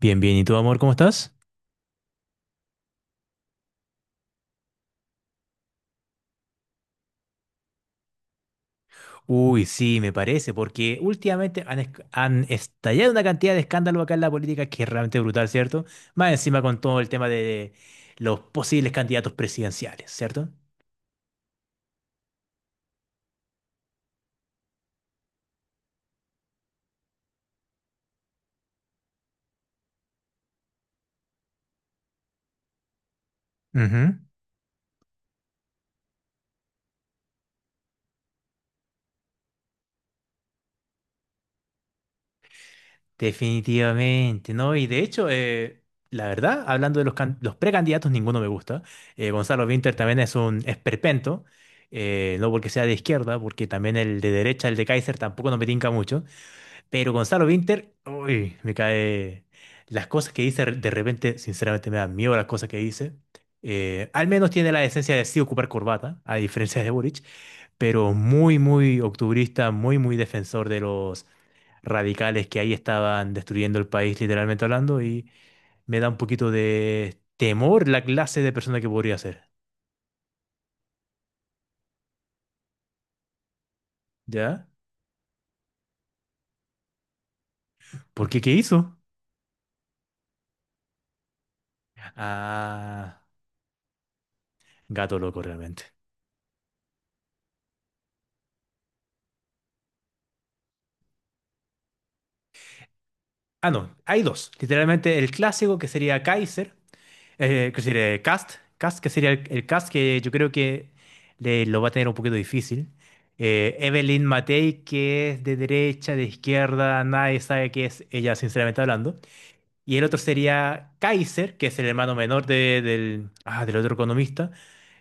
Bien, bien. ¿Y tú, amor, cómo estás? Uy, sí, me parece, porque últimamente han, han estallado una cantidad de escándalos acá en la política que es realmente brutal, ¿cierto? Más encima con todo el tema de los posibles candidatos presidenciales, ¿cierto? Ujú. Definitivamente, ¿no? Y de hecho, la verdad, hablando de los, los precandidatos, ninguno me gusta. Gonzalo Winter también es un esperpento, no porque sea de izquierda, porque también el de derecha, el de Kaiser, tampoco nos me tinca mucho. Pero Gonzalo Vinter, uy, me cae. Las cosas que dice de repente, sinceramente me da miedo las cosas que dice. Al menos tiene la esencia de sí ocupar corbata, a diferencia de Boric, pero muy, muy octubrista, muy, muy defensor de los radicales que ahí estaban destruyendo el país, literalmente hablando, y me da un poquito de temor la clase de persona que podría ser. ¿Ya? ¿Por qué? ¿Qué hizo? Ah, gato loco realmente. Ah, no, hay dos. Literalmente el clásico que sería Kaiser. ¿Qué sería? Cast, que sería el Cast que yo creo que lo va a tener un poquito difícil. Evelyn Matei, que es de derecha, de izquierda, nadie sabe qué es ella, sinceramente hablando. Y el otro sería Kaiser, que es el hermano menor del, ah, del otro economista.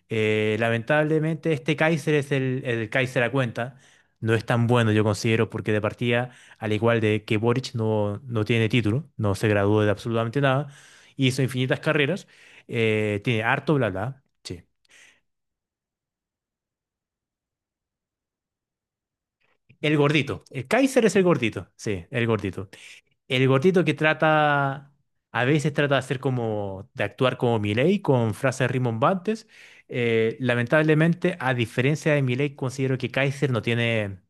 Lamentablemente este Kaiser es el Kaiser a cuenta. No es tan bueno, yo considero, porque de partida, al igual de que Boric no tiene título, no se graduó de absolutamente nada, hizo infinitas carreras, tiene harto bla bla. Sí. El gordito. El Kaiser es el gordito. Sí, el gordito. El gordito que trata, a veces trata de hacer como, de actuar como Milei con frases rimbombantes. Lamentablemente, a diferencia de Milei, considero que Kaiser no tiene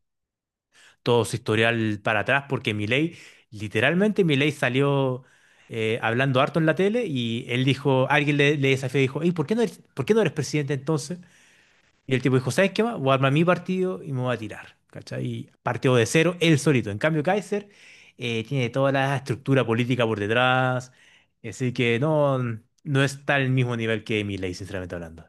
todo su historial para atrás, porque Milei, literalmente Milei salió hablando harto en la tele y él dijo, alguien le desafió y dijo, ¿y por qué no eres, por qué no eres presidente entonces? Y el tipo dijo, ¿sabes qué más? Voy a armar mi partido y me voy a tirar, ¿cachai? Y partió de cero él solito. En cambio, Kaiser tiene toda la estructura política por detrás, así que no, no está al mismo nivel que Milei, sinceramente hablando.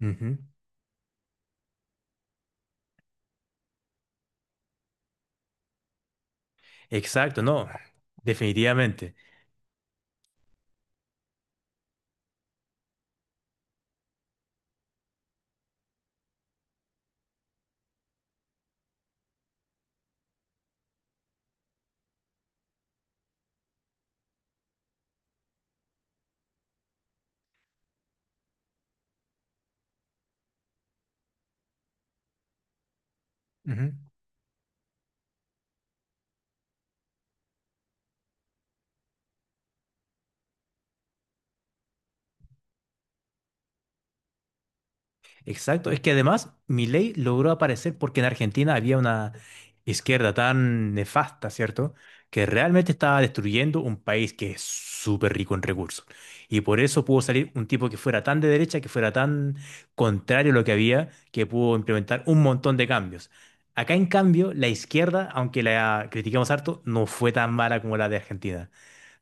Ujú. Exacto, no, definitivamente. Ujú. Exacto, es que además Milei logró aparecer porque en Argentina había una izquierda tan nefasta, ¿cierto? Que realmente estaba destruyendo un país que es súper rico en recursos. Y por eso pudo salir un tipo que fuera tan de derecha, que fuera tan contrario a lo que había, que pudo implementar un montón de cambios. Acá, en cambio, la izquierda, aunque la critiquemos harto, no fue tan mala como la de Argentina.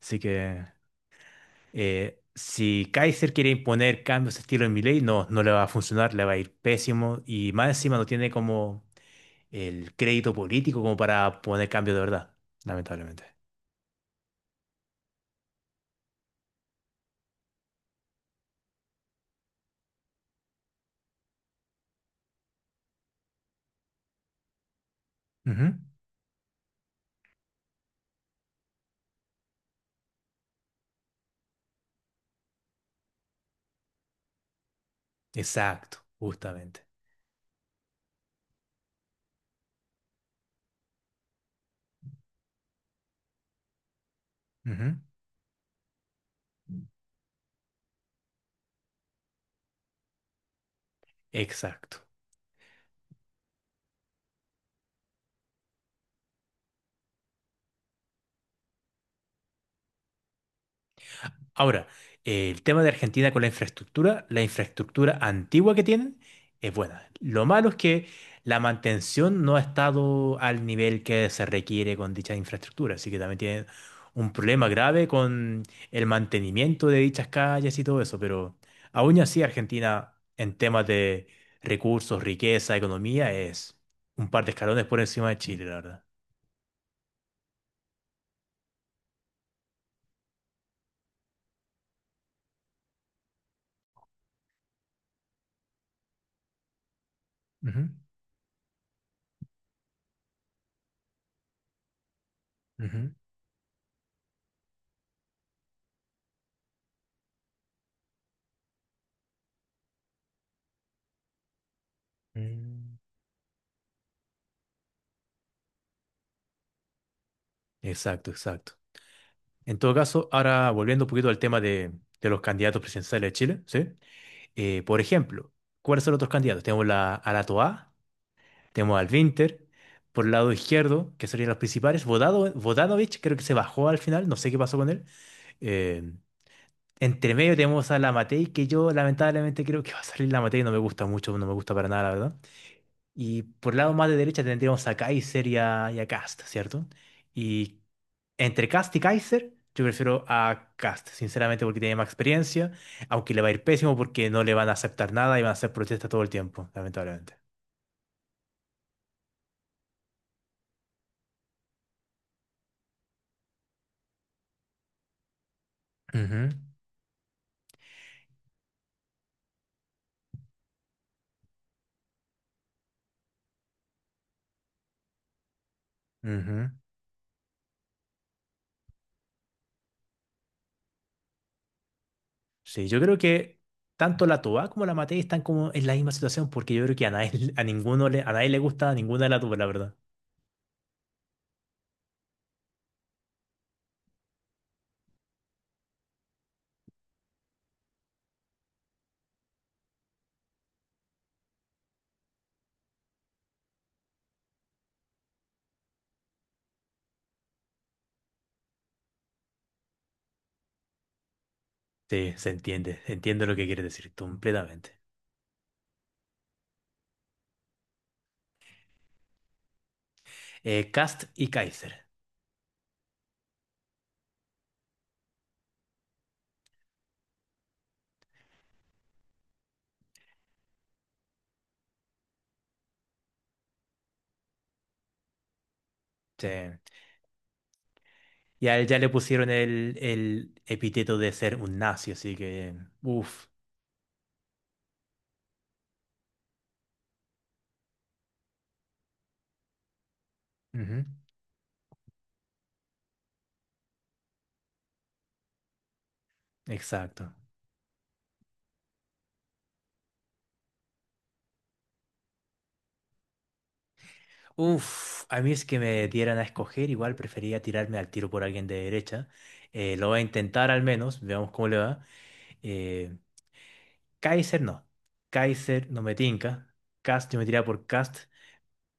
Así que... Si Kaiser quiere imponer cambios de estilo en Milei, no, no le va a funcionar, le va a ir pésimo y más encima no tiene como el crédito político como para poner cambios de verdad, lamentablemente. Ujú. Exacto, justamente. Ujú. Exacto. Ahora, el tema de Argentina con la infraestructura antigua que tienen es buena. Lo malo es que la mantención no ha estado al nivel que se requiere con dicha infraestructura, así que también tienen un problema grave con el mantenimiento de dichas calles y todo eso, pero aún así Argentina en temas de recursos, riqueza, economía es un par de escalones por encima de Chile, la verdad. Ujú, ujú. Mm. Exacto, exacto. En todo caso, ahora volviendo un poquito al tema de los candidatos presidenciales de Chile, ¿sí? Por ejemplo, ¿cuáles son los otros candidatos? Tenemos a la Toa, tenemos al Winter, por el lado izquierdo, que serían los principales. Vodado, Vodanovic creo que se bajó al final, no sé qué pasó con él. Eh, Entre medio tenemos a la Matei, que yo lamentablemente creo que va a salir la Matei, no me gusta mucho, no me gusta para nada, la verdad. Y por el lado más de derecha tendríamos a Kaiser y a Kast, ¿cierto? Y entre Kast y Kaiser, yo prefiero a Kast, sinceramente, porque tiene más experiencia, aunque le va a ir pésimo porque no le van a aceptar nada y van a hacer protestas todo el tiempo, lamentablemente. Ujú, ujú. Sí, yo creo que tanto la Toa como la Matei están como en la misma situación porque yo creo que a nadie, a ninguno le, a nadie le gusta ninguna de las dos, la verdad. Sí, se entiende, entiendo lo que quieres decir completamente. Kast y Kaiser. Sí. Y a él ya le pusieron el epíteto de ser un nazi, así que, uff, exacto. Uff, a mí es que me dieran a escoger, igual prefería tirarme al tiro por alguien de derecha. Lo voy a intentar al menos, veamos cómo le va. Eh, Kaiser no, Kaiser no me tinca, Cast yo me tiraría por Cast,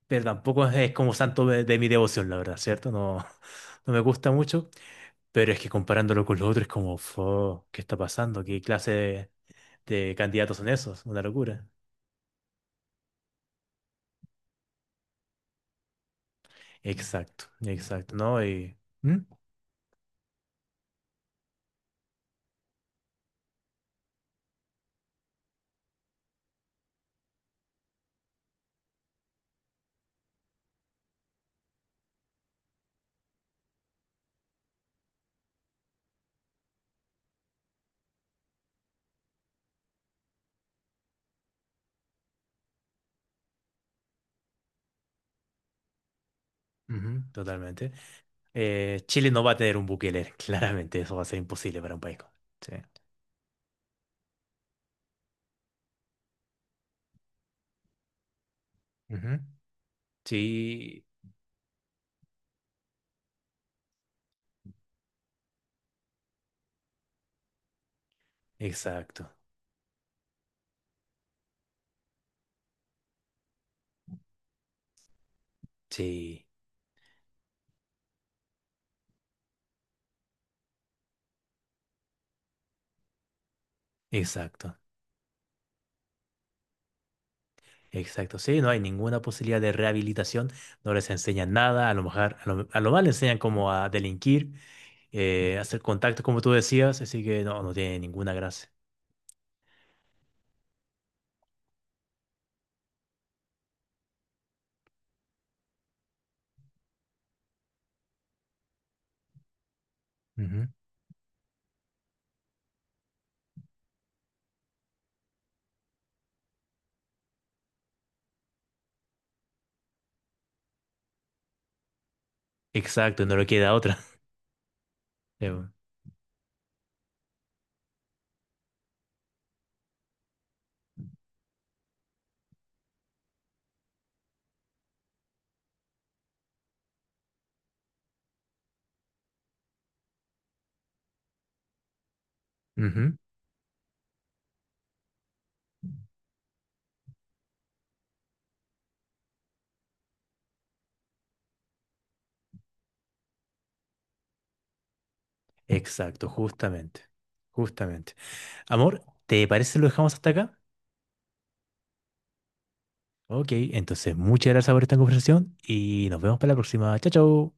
pero tampoco es como santo de mi devoción, la verdad, ¿cierto? No, no me gusta mucho, pero es que comparándolo con los otros es como, "Fo, ¿qué está pasando? ¿Qué clase de candidatos son esos, una locura. Exacto, exacto, ¿no? Y, ¿mm? Ujú, totalmente. Chile no va a tener un Bukele, claramente, eso va a ser imposible para un país. Con- sí. Ujú. Sí, exacto, sí, exacto, exacto. Sí, no hay ninguna posibilidad de rehabilitación, no les enseñan nada, a lo mejor, a lo más les enseñan como a delinquir, hacer contactos, como tú decías, así que no, no tiene ninguna gracia. Ujú. Exacto, no le queda otra. Sí, bueno. Ujú. Exacto, justamente. Justamente. Amor, ¿te parece si lo dejamos hasta acá? Ok, entonces muchas gracias por esta conversación y nos vemos para la próxima. Chao, chao.